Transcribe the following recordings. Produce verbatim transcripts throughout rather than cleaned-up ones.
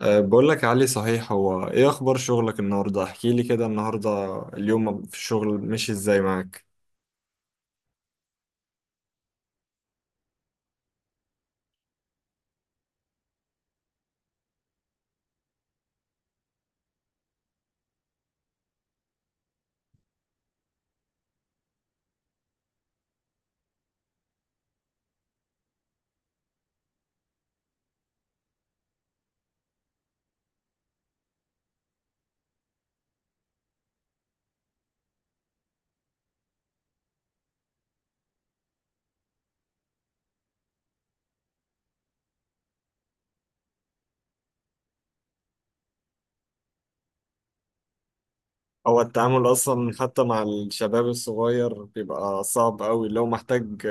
أه، بقول لك يا علي، صحيح هو ايه اخبار شغلك النهارده؟ احكي لي كده. النهارده اليوم في الشغل مشي ازاي معاك؟ هو التعامل اصلا حتى مع الشباب الصغير بيبقى صعب قوي، لو محتاج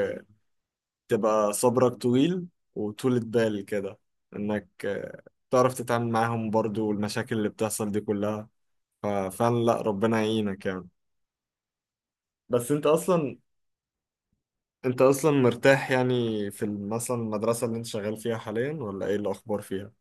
تبقى صبرك طويل وطولة بال كده، انك أه، تعرف تتعامل معاهم برضو، والمشاكل اللي بتحصل دي كلها. ففعلا لا، ربنا يعينك يعني. بس انت اصلا انت اصلا مرتاح يعني في مثلا المدرسة اللي انت شغال فيها حاليا، ولا ايه الاخبار فيها؟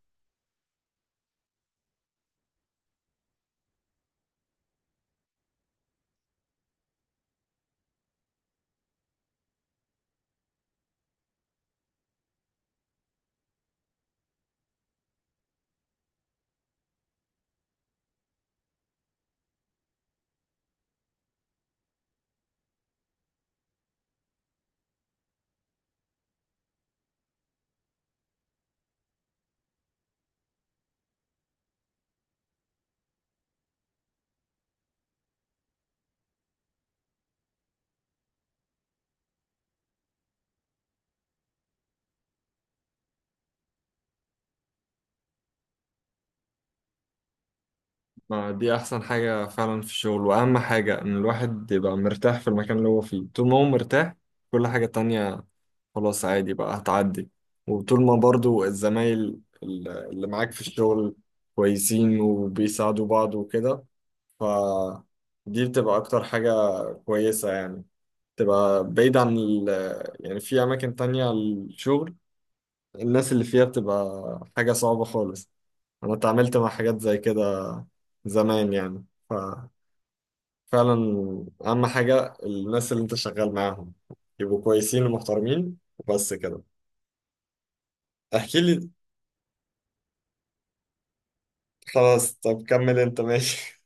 ما دي أحسن حاجة فعلا في الشغل، وأهم حاجة إن الواحد يبقى مرتاح في المكان اللي هو فيه. طول ما هو مرتاح، كل حاجة تانية خلاص عادي بقى، هتعدي. وطول ما برضو الزمايل ال- اللي معاك في الشغل كويسين وبيساعدوا بعض وكده، ف دي بتبقى أكتر حاجة كويسة يعني، تبقى بعيد عن ال يعني في أماكن تانية الشغل، الناس اللي فيها بتبقى حاجة صعبة خالص. أنا اتعاملت مع حاجات زي كده زمان يعني. ف فعلا اهم حاجه الناس اللي انت شغال معاهم يبقوا كويسين ومحترمين، وبس كده. احكي لي. خلاص، طب كمل انت ماشي.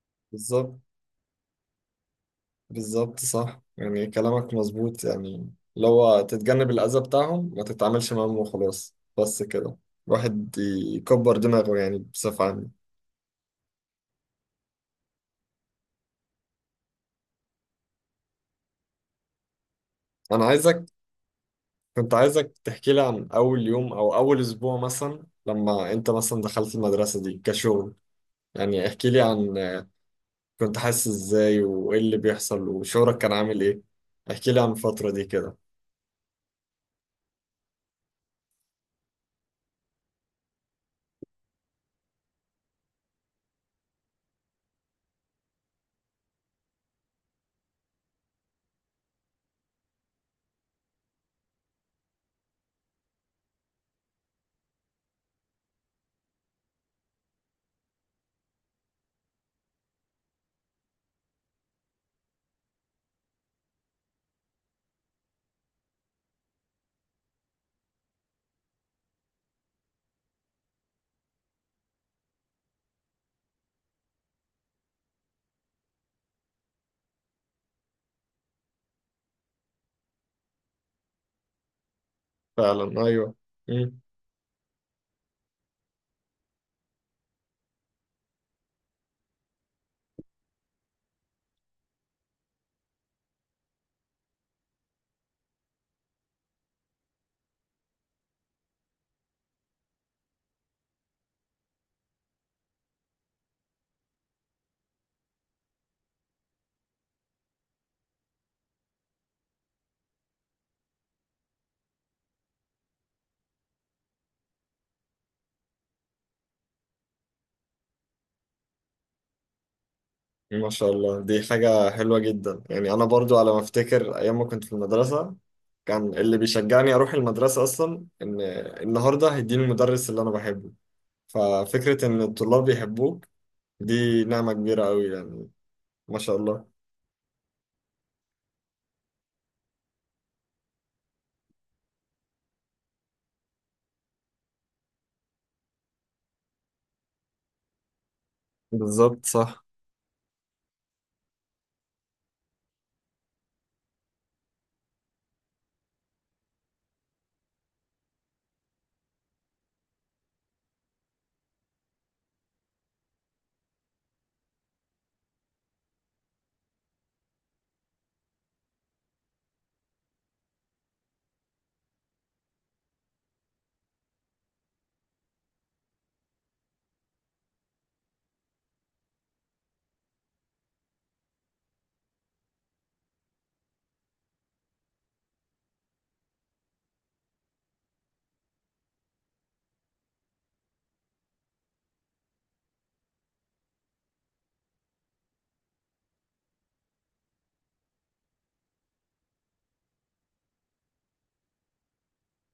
بالظبط. بالظبط، صح، يعني كلامك مظبوط يعني، اللي هو تتجنب الأذى بتاعهم، ما تتعاملش معاهم وخلاص، بس كده. الواحد يكبر دماغه يعني بصفة عامة. أنا عايزك، كنت عايزك تحكي لي عن أول يوم أو أول أسبوع مثلا، لما أنت مثلا دخلت المدرسة دي كشغل. يعني احكي لي عن، كنت حاسس ازاي وايه اللي بيحصل، وشعورك كان عامل ايه. احكي لي عن الفترة دي كده. فعلا، ايوه. مم. ما شاء الله، دي حاجة حلوة جدا يعني. انا برضو على ما افتكر ايام ما كنت في المدرسة، كان اللي بيشجعني اروح المدرسة اصلا ان النهاردة هيديني المدرس اللي انا بحبه. ففكرة ان الطلاب يحبوك دي نعمة كبيرة قوي يعني، ما شاء الله. بالظبط، صح.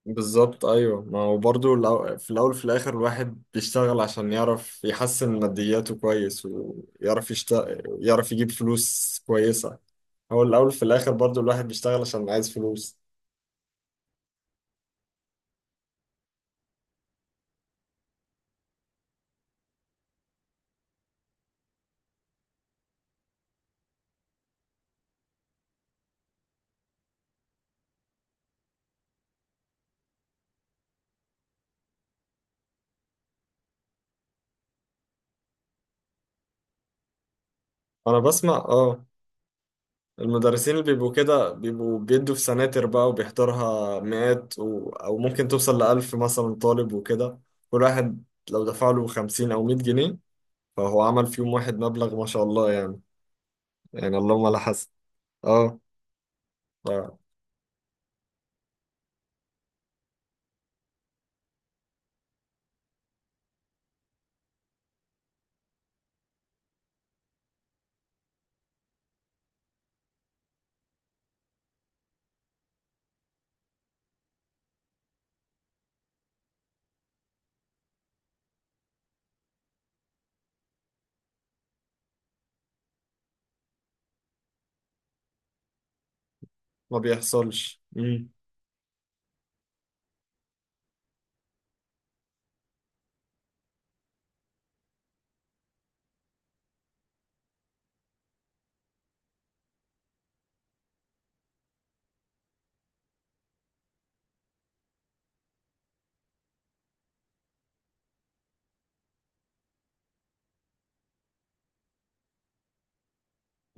بالظبط، ايوه، ما هو برضو الأو- في الاول وفي الاخر الواحد بيشتغل عشان يعرف يحسن مادياته كويس، ويعرف يشتغل، يعرف يجيب فلوس كويسه. هو الاول في الاخر برضو الواحد بيشتغل عشان عايز فلوس. انا بسمع، اه. المدرسين اللي بيبقوا كده بيبقوا بيدوا في سناتر بقى، وبيحضرها مئات و... او ممكن توصل لألف مثلا طالب وكده. كل واحد لو دفع له خمسين او مية جنيه، فهو عمل في يوم واحد مبلغ ما شاء الله يعني، يعني اللهم لا حسن. اه. ما بيحصلش. مم.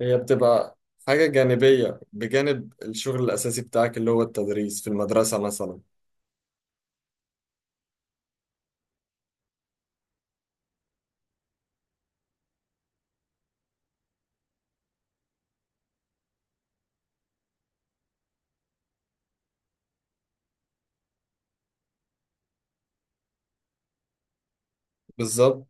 هي بتبقى حاجة جانبية بجانب الشغل الأساسي بتاعك اللي هو التدريس في المدرسة مثلا. بالظبط.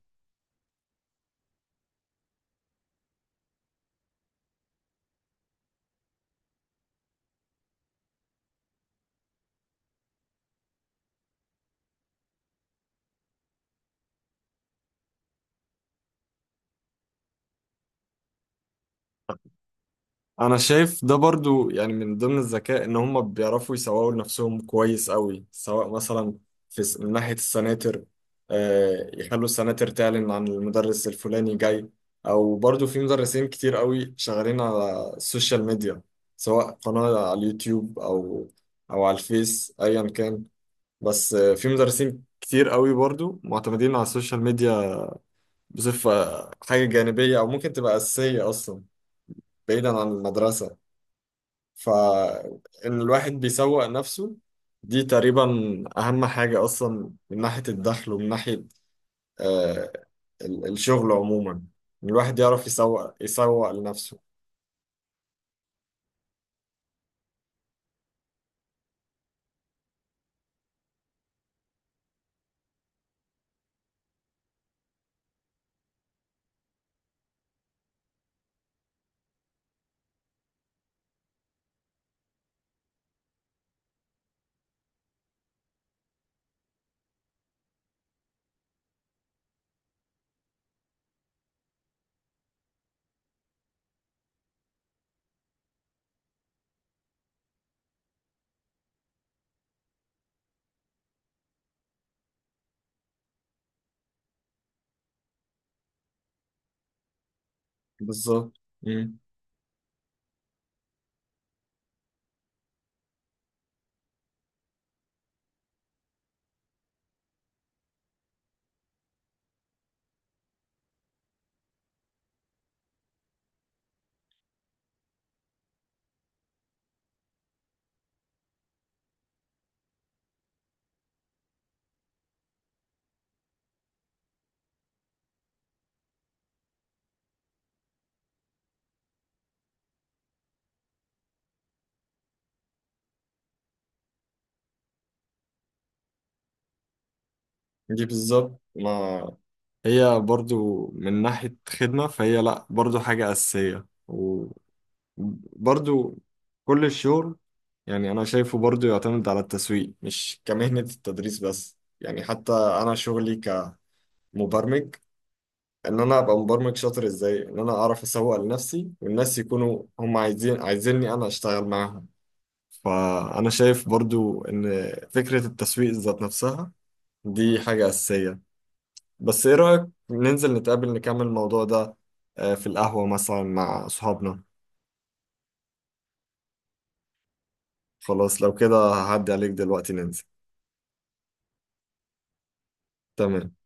أنا شايف ده برضو يعني من ضمن الذكاء إن هم بيعرفوا يسوقوا لنفسهم كويس قوي، سواء مثلا في س- من ناحية السناتر، آه، يخلوا السناتر تعلن عن المدرس الفلاني جاي، أو برضو في مدرسين كتير قوي شغالين على السوشيال ميديا، سواء قناة على اليوتيوب أو أو على الفيس، أيا كان. بس في مدرسين كتير قوي برضو معتمدين على السوشيال ميديا بصفة حاجة جانبية، أو ممكن تبقى أساسية أصلا بعيدا عن المدرسة. فإن الواحد بيسوق نفسه، دي تقريبا أهم حاجة أصلا من ناحية الدخل ومن ناحية آه ال- الشغل عموما، إن الواحد يعرف يسوق، يسوق لنفسه. بالظبط. مم. دي بالظبط، ما هي برضو من ناحية خدمة، فهي لأ، برضو حاجة أساسية. برضو كل الشغل يعني أنا شايفه برضو يعتمد على التسويق، مش كمهنة التدريس بس يعني، حتى أنا شغلي كمبرمج، إن أنا أبقى مبرمج شاطر إزاي، إن أنا أعرف أسوق لنفسي والناس يكونوا هم عايزين، عايزيني أنا أشتغل معاهم. فأنا شايف برضو إن فكرة التسويق ذات نفسها دي حاجة أساسية. بس إيه رأيك ننزل نتقابل نكمل الموضوع ده آه، في القهوة مثلا مع أصحابنا؟ خلاص، لو كده هعدي عليك دلوقتي ننزل. تمام.